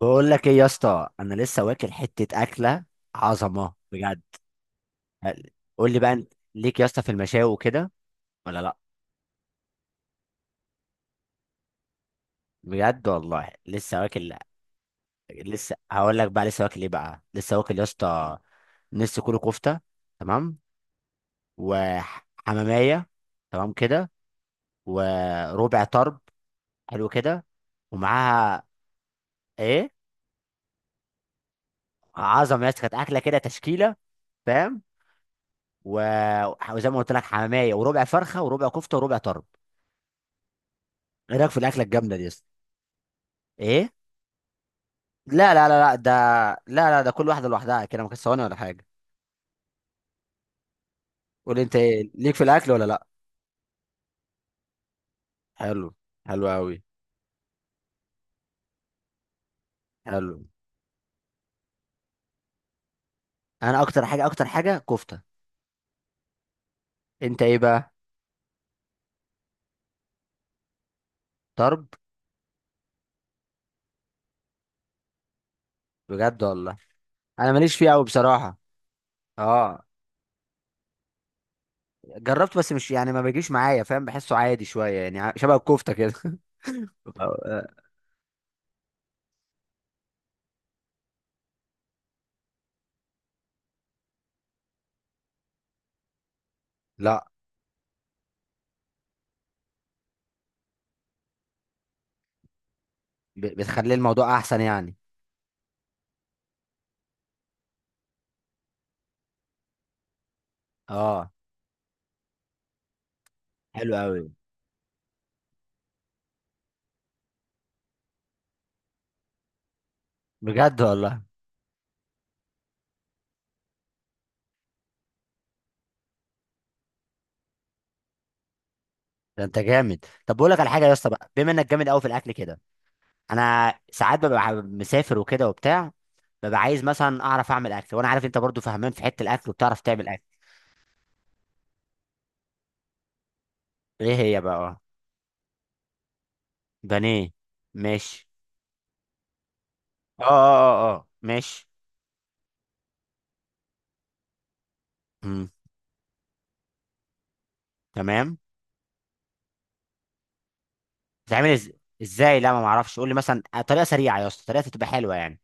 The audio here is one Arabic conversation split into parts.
بقول لك ايه يا اسطى، انا لسه واكل حته اكله عظمه بجد. هل- قول لي بقى، انت ليك يا اسطى في المشاوي وكده ولا لا؟ بجد والله لسه واكل. لسه هقول لك بقى، لسه واكل ايه بقى، لسه واكل يا اسطى. نص كيلو كفته، تمام، وحماميه، تمام كده، وربع طرب، حلو كده، ومعاها ايه؟ عظمه يا اسطى، كانت اكله كده تشكيله، فاهم؟ وزي ما قلت لك، حماميه وربع فرخه وربع كفته وربع طرب. ايه رايك في الاكله الجامده دي يا اسطى؟ ايه؟ لا لا لا لا، ده، لا لا، ده كل واحده لوحدها كده، ما كانتش ثواني ولا حاجه. قول انت، ايه ليك في الاكل ولا لا؟ حلو، حلو قوي، حلو. انا اكتر حاجه، كفته. انت ايه بقى؟ طرب؟ بجد والله انا ماليش فيه قوي بصراحه. اه جربت، بس مش يعني، ما بيجيش معايا، فاهم؟ بحسه عادي شويه يعني، شبه الكفته كده. أو- آه، لا بتخلي الموضوع احسن يعني. اه، حلو قوي، بجد والله. ده انت جامد. طب بقول لك على حاجه يا اسطى، بقى بما انك جامد قوي في الاكل كده، انا ساعات ببقى مسافر وكده وبتاع، ببقى عايز مثلا اعرف اعمل اكل، وانا عارف انت برضو فهمان في حته الاكل وبتعرف تعمل اكل. ايه هي بقى؟ اه، بانيه، ماشي. اه اه اه اه، ماشي. امم تمام. بتعمل إز... ازاي؟ لا ما معرفش، قول لي مثلا طريقه سريعه يا اسطى، طريقه تبقى حلوه يعني.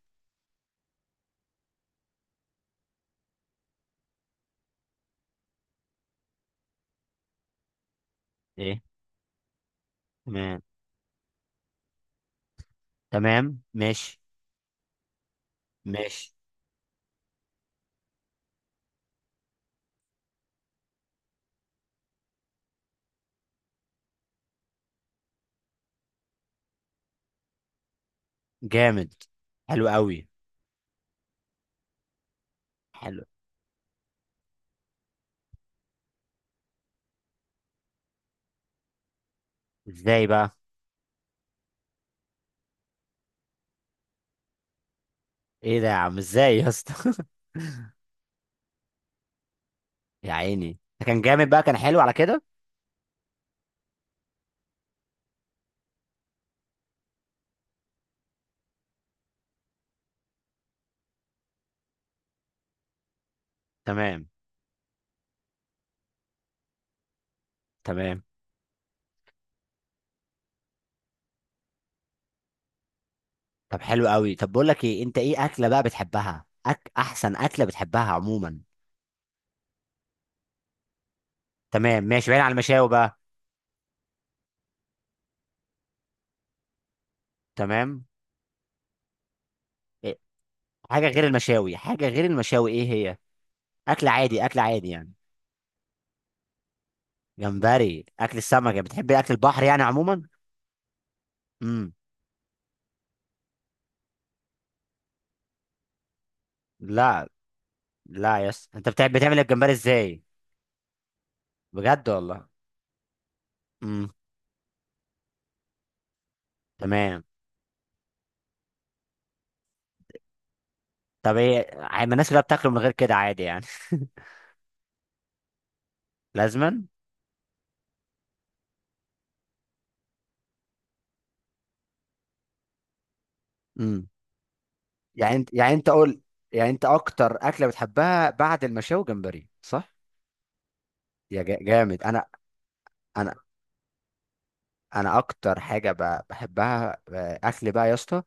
ايه؟ تمام، تمام، ماشي. ماشي. جامد. حلو قوي. حلو. ازاي بقى؟ ايه ده يا عم، ازاي يا اسطى؟ يا عيني، ده كان جامد بقى، كان حلو على كده. تمام، تمام. طب حلو قوي. طب بقول لك ايه، انت ايه اكله بقى بتحبها، احسن اكله بتحبها عموما؟ تمام، ماشي. بعيد عن المشاوي بقى. تمام. إيه؟ حاجه غير المشاوي، حاجه غير المشاوي، ايه هي؟ اكل عادي، اكل عادي يعني. جمبري؟ اكل السمك يعني، بتحب اكل البحر يعني عموما. امم. لا لا يس، انت بتعمل الجمبري ازاي؟ بجد والله. امم. تمام. طب ايه، الناس كلها بتاكله من غير كده عادي يعني. لازما؟ يعني انت، قول، يعني انت اكتر اكله بتحبها بعد المشاوي وجمبري، صح؟ جامد. انا انا انا اكتر حاجه بحبها اكل بقى يا اسطى،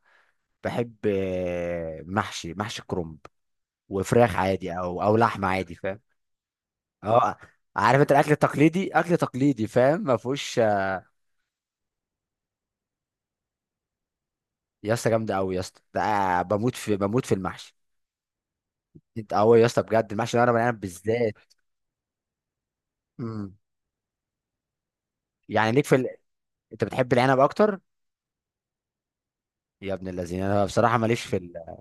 بحب محشي كرنب، وفراخ عادي، او لحمه عادي، فاهم؟ اه. عارف، انت الاكل التقليدي، اكل تقليدي، فاهم؟ ما فيهوش يا اسطى جامده قوي يا اسطى ده، بموت في المحشي. انت قوي يا اسطى، بجد المحشي ورق العنب بالذات. مم. يعني ليك في انت بتحب العنب اكتر؟ يا ابن الذين، انا بصراحه ماليش في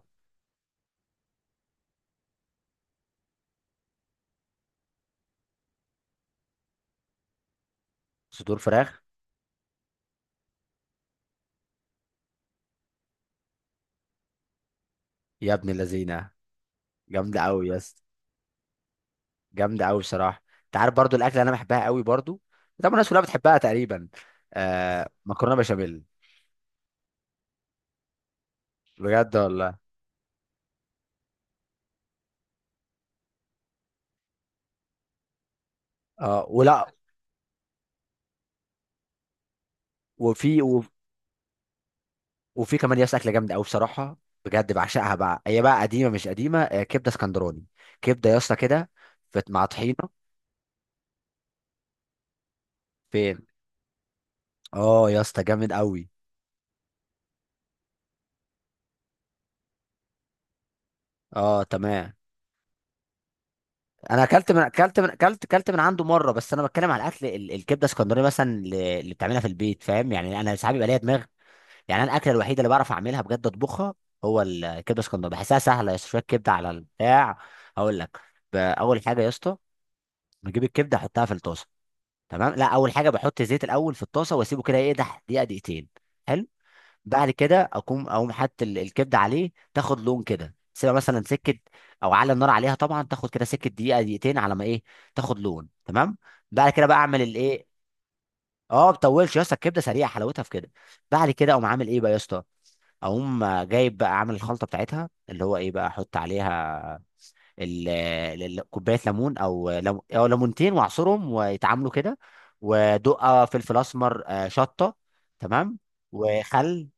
صدور فراخ. يا ابن اللذينه، جامده قوي يا اسطى. جامده قوي بصراحه. انت عارف برضو الاكل اللي انا بحبها قوي برضو، طبعا الناس كلها بتحبها تقريبا، آه، مكرونه بشاميل. بجد والله. اه ولا. وفي و- وفي كمان يا اسطى اكله جامده قوي بصراحه، بجد بعشقها بقى، هي بقى قديمه مش قديمه، كبده اسكندراني. كبده يا اسطى كده، مع طحينه. فين؟ اه يا اسطى، جامد قوي. اه تمام. انا اكلت من عنده مره، بس انا بتكلم على الاكل الكبده اسكندراني مثلا، اللي بتعملها في البيت فاهم، يعني انا ساعات بيبقى ليا دماغ. يعني انا الاكله الوحيده اللي بعرف اعملها بجد، اطبخها هو الكبده اسكندراني. بحسها سهله يا اسطى، شويه كبده على البتاع. هقول لك. اول حاجه يا اسطى، بجيب الكبده احطها في الطاسه. تمام، لا، اول حاجه بحط زيت الاول في الطاسه، واسيبه كده يقدح دقيقه دقيقتين. حلو. بعد كده اقوم، حاطط الكبده عليه، تاخد لون كده، سيبها مثلا سكه، او على النار عليها طبعا، تاخد كده سكه دقيقه دقيقتين على ما ايه، تاخد لون، تمام. بعد كده بقى اعمل الايه، اه ما بطولش يا اسطى، الكبده سريعه، حلاوتها في كده. بعد كده اقوم عامل ايه بقى يا اسطى؟ اقوم جايب بقى، اعمل الخلطه بتاعتها، اللي هو ايه بقى، احط عليها كوبايه ليمون، او لم- او ليمونتين، واعصرهم ويتعاملوا كده، ودقه فلفل اسمر، شطه، تمام، وخل،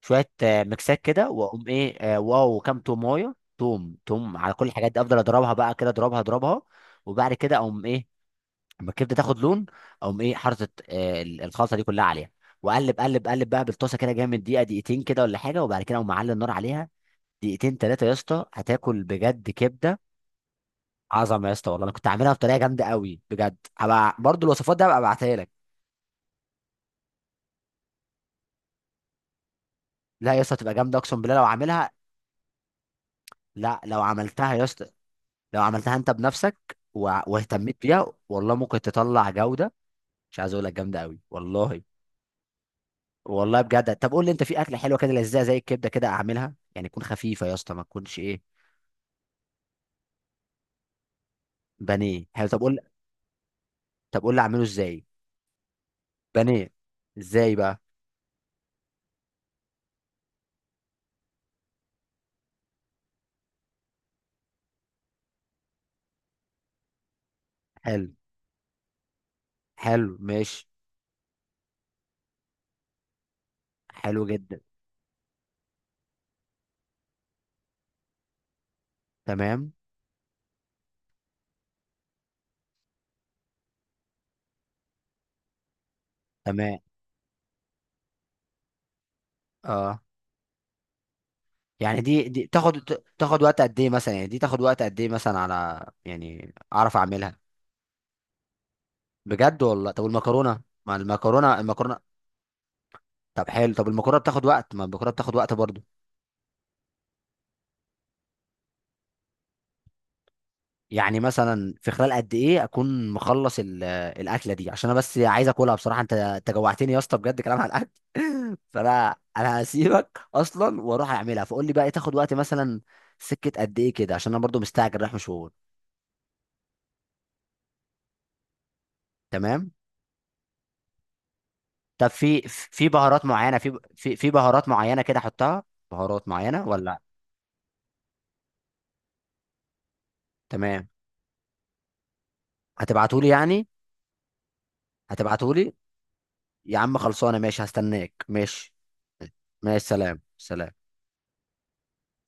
شويه ميكسات كده، واقوم ايه، واو كام تومايه، توم توم، على كل الحاجات دي افضل اضربها بقى كده، اضربها، اضربها. وبعد كده اقوم ايه، اما الكبده تاخد لون، اقوم ايه حاطط الخلطه دي كلها عليها، واقلب، قلب قلب بقى بالطاسه كده جامد دقيقه دقيقتين كده ولا حاجه، وبعد كده اقوم معلي النار عليها دقيقتين 3 يا اسطى، هتاكل بجد كبده عظمه يا اسطى والله. انا كنت عاملها بطريقه جامده قوي بجد، هبقى برضو الوصفات دي هبقى ابعتها لك. لا يا اسطى، تبقى جامده، اقسم بالله لو عاملها. لا لو عملتها يا اسطى، لو عملتها انت بنفسك، واهتميت بيها، والله ممكن تطلع جودة. مش عايز اقول لك، جامدة قوي والله. والله بجد. طب قول لي انت في اكلة حلوة كده، لذيذة زي الكبدة كده، اعملها يعني، تكون خفيفة يا اسطى ما تكونش ايه. بانيه، حلو. طب قول، طب قول لي اعمله ازاي. بانيه؟ ازاي بقى؟ حلو، حلو، ماشي. حلو جدا. تمام، تمام. اه. يعني دي تاخد، تاخد وقت قد ايه مثلا، يعني دي تاخد وقت قد ايه مثلا على يعني اعرف اعملها؟ بجد والله. طب والمكرونة؟ مع المكرونة، المكرونة. طب حلو، طب المكرونه بتاخد وقت؟ ما المكرونه بتاخد وقت برضو. يعني مثلا في خلال قد ايه اكون مخلص الاكله دي، عشان انا بس عايز اكلها بصراحه، انت جوعتني يا اسطى بجد كلام عن الاكل. فانا هسيبك اصلا واروح اعملها، فقول لي بقى إيه، تاخد وقت مثلا سكه قد ايه كده، عشان انا برضو مستعجل رايح مشوار. تمام. طب في بهارات معينه، في بهارات معينه كده احطها؟ بهارات معينه ولا؟ تمام. هتبعتولي يعني؟ هتبعتولي. يا عم خلصانه، ماشي، هستناك، ماشي. ماشي، سلام، سلام.